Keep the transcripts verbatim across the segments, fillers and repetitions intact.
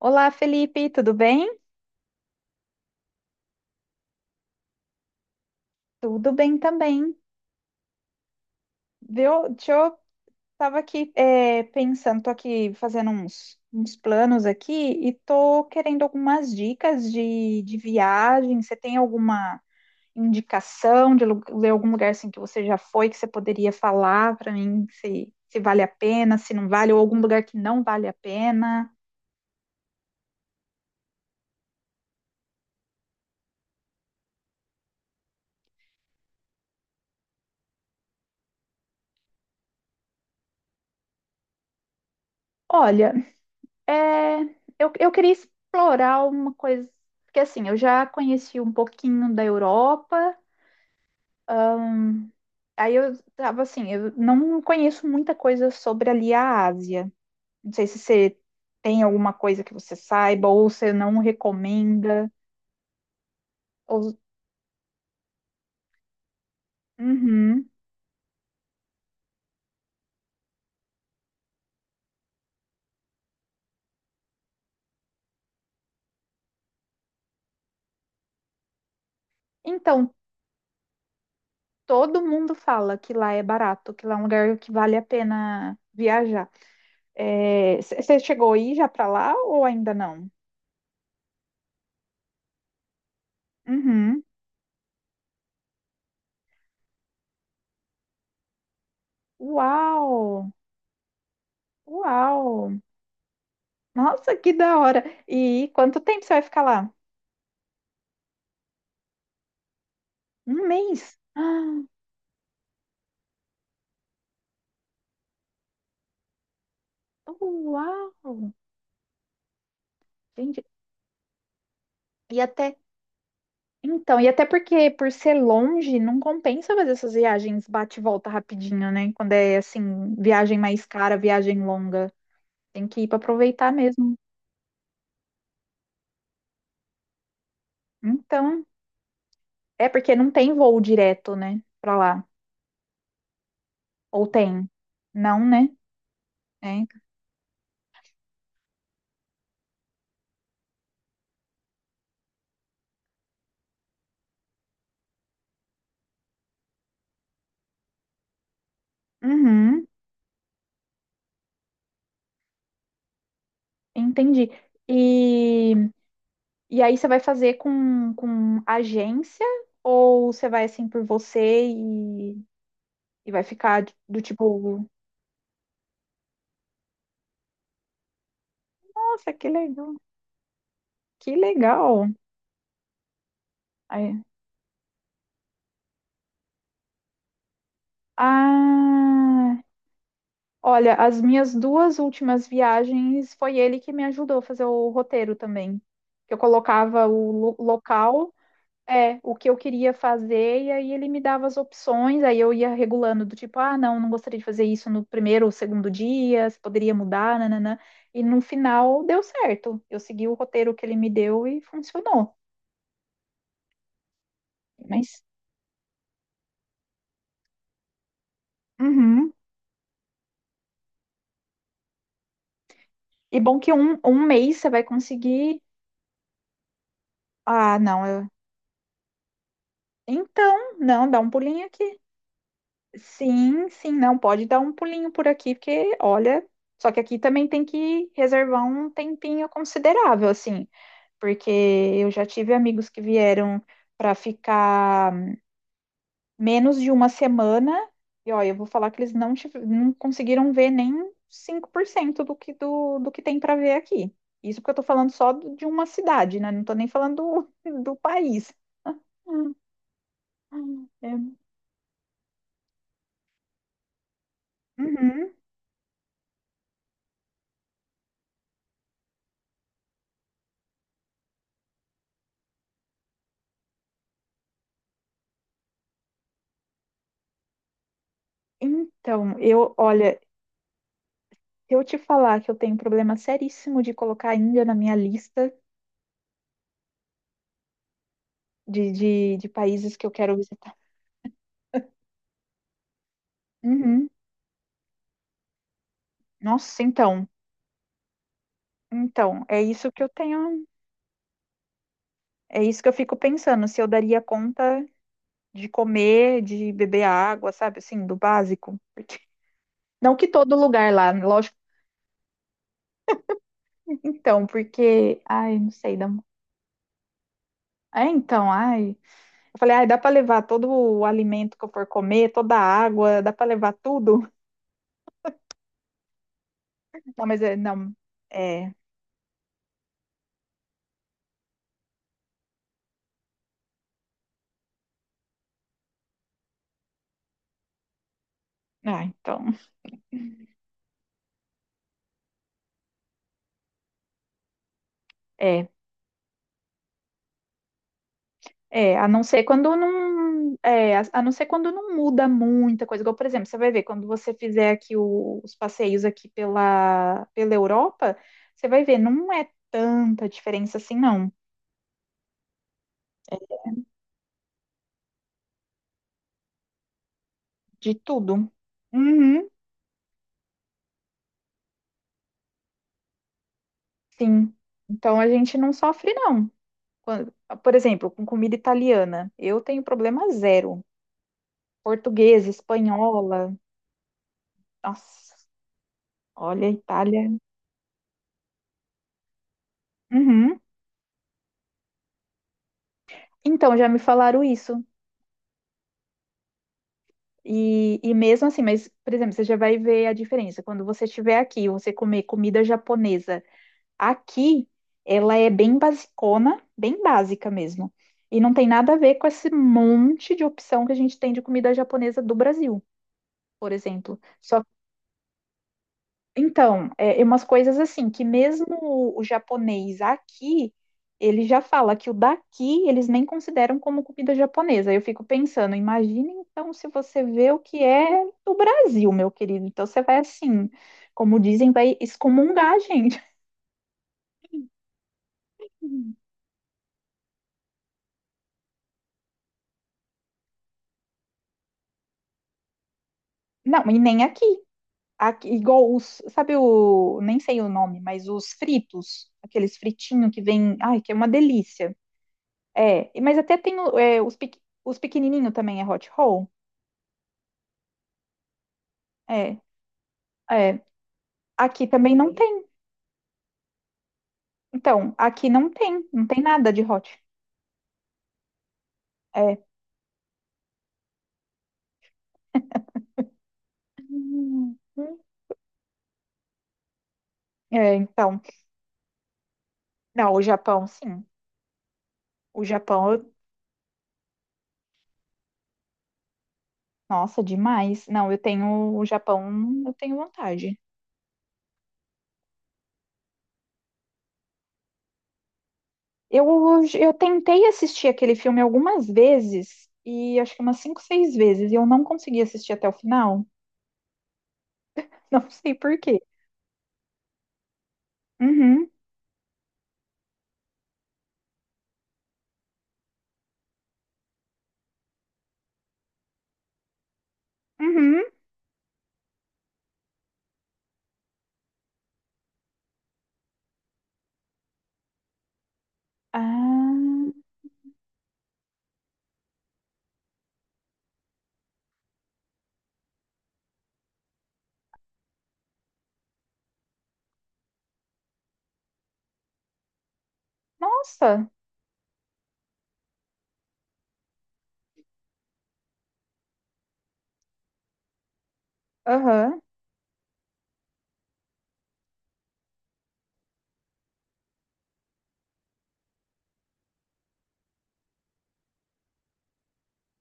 Olá, Felipe, tudo bem? Tudo bem também, viu? Deixa. Eu tava aqui, é, pensando, tô aqui fazendo uns, uns planos aqui e tô querendo algumas dicas de, de viagem. Você tem alguma indicação de, lu- de algum lugar assim que você já foi que você poderia falar para mim se, se vale a pena, se não vale, ou algum lugar que não vale a pena? Olha, é, eu, eu queria explorar uma coisa, porque assim, eu já conheci um pouquinho da Europa. Ahn, aí eu tava assim, eu não conheço muita coisa sobre ali a Ásia. Não sei se você tem alguma coisa que você saiba, ou você não recomenda. Ou... Uhum. Então, todo mundo fala que lá é barato, que lá é um lugar que vale a pena viajar. É, c- você chegou aí já pra lá ou ainda não? Uhum. Uau! Uau! Nossa, que da hora! E quanto tempo você vai ficar lá? Um mês? Ah, uau! Gente, e até. Então, e até porque por ser longe, não compensa fazer essas viagens bate e volta rapidinho, né? Quando é assim, viagem mais cara, viagem longa. Tem que ir para aproveitar mesmo. Então, é porque não tem voo direto, né? Para lá. Ou tem? Não, né? É. Uhum, entendi. E, e aí você vai fazer com, com agência ou você vai assim por você e, e vai ficar do tipo, nossa, que legal. Que legal. Aí- Ah, olha, as minhas duas últimas viagens foi ele que me ajudou a fazer o roteiro também. Eu colocava o lo- local, é, o que eu queria fazer, e aí ele me dava as opções, aí eu ia regulando do tipo, ah, não, não gostaria de fazer isso no primeiro ou segundo dia, se poderia mudar, nananã. E no final deu certo. Eu segui o roteiro que ele me deu e funcionou. Mas, uhum. E bom que um, um mês você vai conseguir. Ah, não. Então, não, dá um pulinho aqui. Sim, sim, não, pode dar um pulinho por aqui, porque, olha, só que aqui também tem que reservar um tempinho considerável, assim, porque eu já tive amigos que vieram para ficar menos de uma semana, e olha, eu vou falar que eles não, tive- não conseguiram ver nem cinco por cento do que, do, do que tem para ver aqui. Isso porque eu tô falando só do- de uma cidade, né? Não tô nem falando do, do país. Hum, hum, é. Uhum. Então, eu, olha, se eu te falar que eu tenho um problema seríssimo de colocar a Índia na minha lista de, de, de países que eu quero visitar. Uhum. Nossa, então, então, é isso que eu tenho, é isso que eu fico pensando, se eu daria conta de comer, de beber água, sabe, assim, do básico. Porque- não que todo lugar lá, lógico. Então, porque, ai, não sei, dá... um, é, então, ai, eu falei, ai, dá para levar todo o alimento que eu for comer, toda a água, dá para levar tudo? Não, mas é, não. É. Ah, então. É. É, a não ser quando não. É, a, a não ser quando não muda muita coisa. Igual, por exemplo, você vai ver, quando você fizer aqui o- os passeios aqui pela, pela Europa, você vai ver, não é tanta diferença assim, não. De tudo. Uhum, sim. Então a gente não sofre, não. Quando- por exemplo, com comida italiana, eu tenho problema zero. Portuguesa, espanhola. Nossa, olha, a Itália. Uhum. Então, já me falaram isso. E, e mesmo assim, mas, por exemplo, você já vai ver a diferença. Quando você estiver aqui, e você comer comida japonesa aqui, ela é bem basicona, bem básica mesmo. E não tem nada a ver com esse monte de opção que a gente tem de comida japonesa do Brasil, por exemplo. Só então, é, é umas coisas assim, que mesmo o, o japonês aqui, ele já fala que o daqui eles nem consideram como comida japonesa. Eu fico pensando, imagina então se você vê o que é do Brasil, meu querido. Então você vai assim, como dizem, vai excomungar a gente. Não, e nem aqui. Aqui, igual os, sabe o, nem sei o nome, mas os fritos, aqueles fritinhos que vem, ai, que é uma delícia. É, e- mas até tem o- é, os, pequ- os pequenininhos também é hot roll. É, é. Aqui também não tem. Então, aqui não tem, não tem nada de hot. É. Hum, hum. É, então. Não, o Japão, sim. O Japão, eu- nossa, demais. Não, eu tenho o Japão, eu tenho vontade. Eu, eu tentei assistir aquele filme algumas vezes, e acho que umas cinco, seis vezes, e eu não consegui assistir até o final. Não sei por quê. Uhum, uhum. Ah, nossa, aham.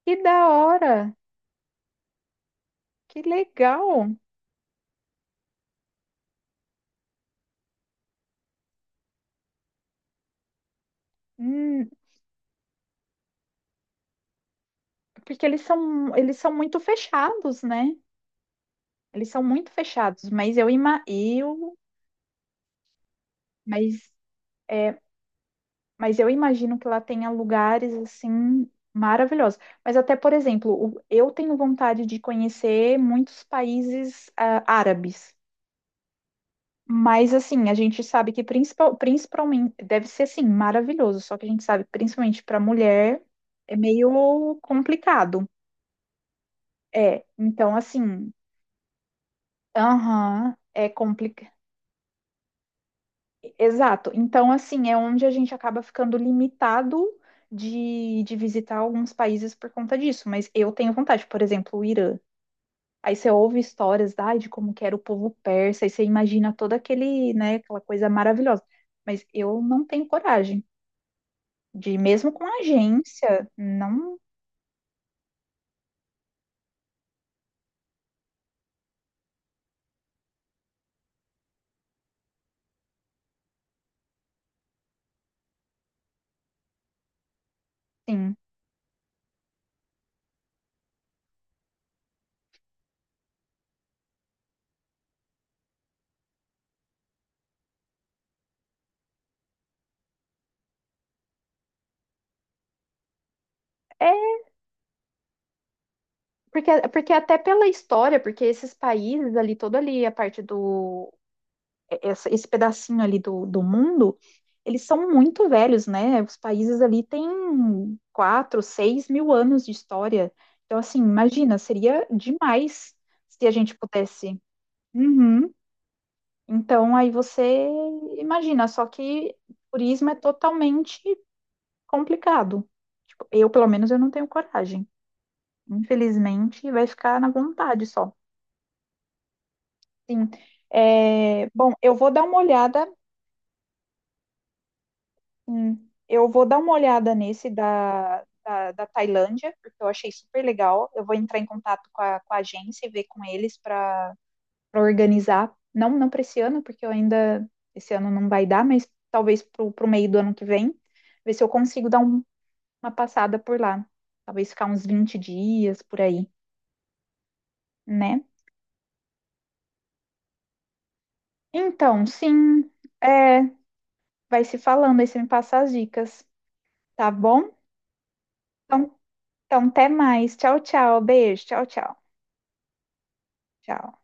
Que da hora, que legal. Hum, porque eles são, eles são muito fechados, né? Eles são muito fechados, mas eu, ima eu, mas, é, mas eu imagino que lá tenha lugares assim maravilhosos. Mas até, por exemplo, o- eu tenho vontade de conhecer muitos países ah, árabes. Mas assim, a gente sabe que principal, principalmente deve ser assim maravilhoso, só que a gente sabe que principalmente para mulher é meio complicado. É, então assim, aham, é complicado. Exato. Então, assim, é onde a gente acaba ficando limitado de, de visitar alguns países por conta disso. Mas eu tenho vontade, por exemplo, o Irã. Aí você ouve histórias, ai, de como que era o povo persa, aí você imagina todo aquele, né, aquela coisa maravilhosa. Mas eu não tenho coragem de, mesmo com a agência, não, sim. É, porque, porque até pela história, porque esses países ali, toda ali a parte do essa- esse pedacinho ali do, do mundo, eles são muito velhos, né? Os países ali têm quatro, seis mil anos de história. Então, assim, imagina, seria demais se a gente pudesse. Uhum. Então, aí você imagina, só que turismo é totalmente complicado. Tipo, eu, pelo menos, eu não tenho coragem. Infelizmente, vai ficar na vontade só. Sim. É, bom, eu vou dar uma olhada Hum, eu vou dar uma olhada nesse da, da, da Tailândia, porque eu achei super legal. Eu vou entrar em contato com a, com a agência e ver com eles para organizar. Não, não para esse ano, porque eu ainda esse ano não vai dar, mas talvez para o meio do ano que vem, ver se eu consigo dar um- uma passada por lá. Talvez ficar uns vinte dias por aí, né? Então, sim, é, vai se falando aí, você me passa as dicas, tá bom? Então, então até mais. Tchau, tchau. Beijo. Tchau, tchau. Tchau.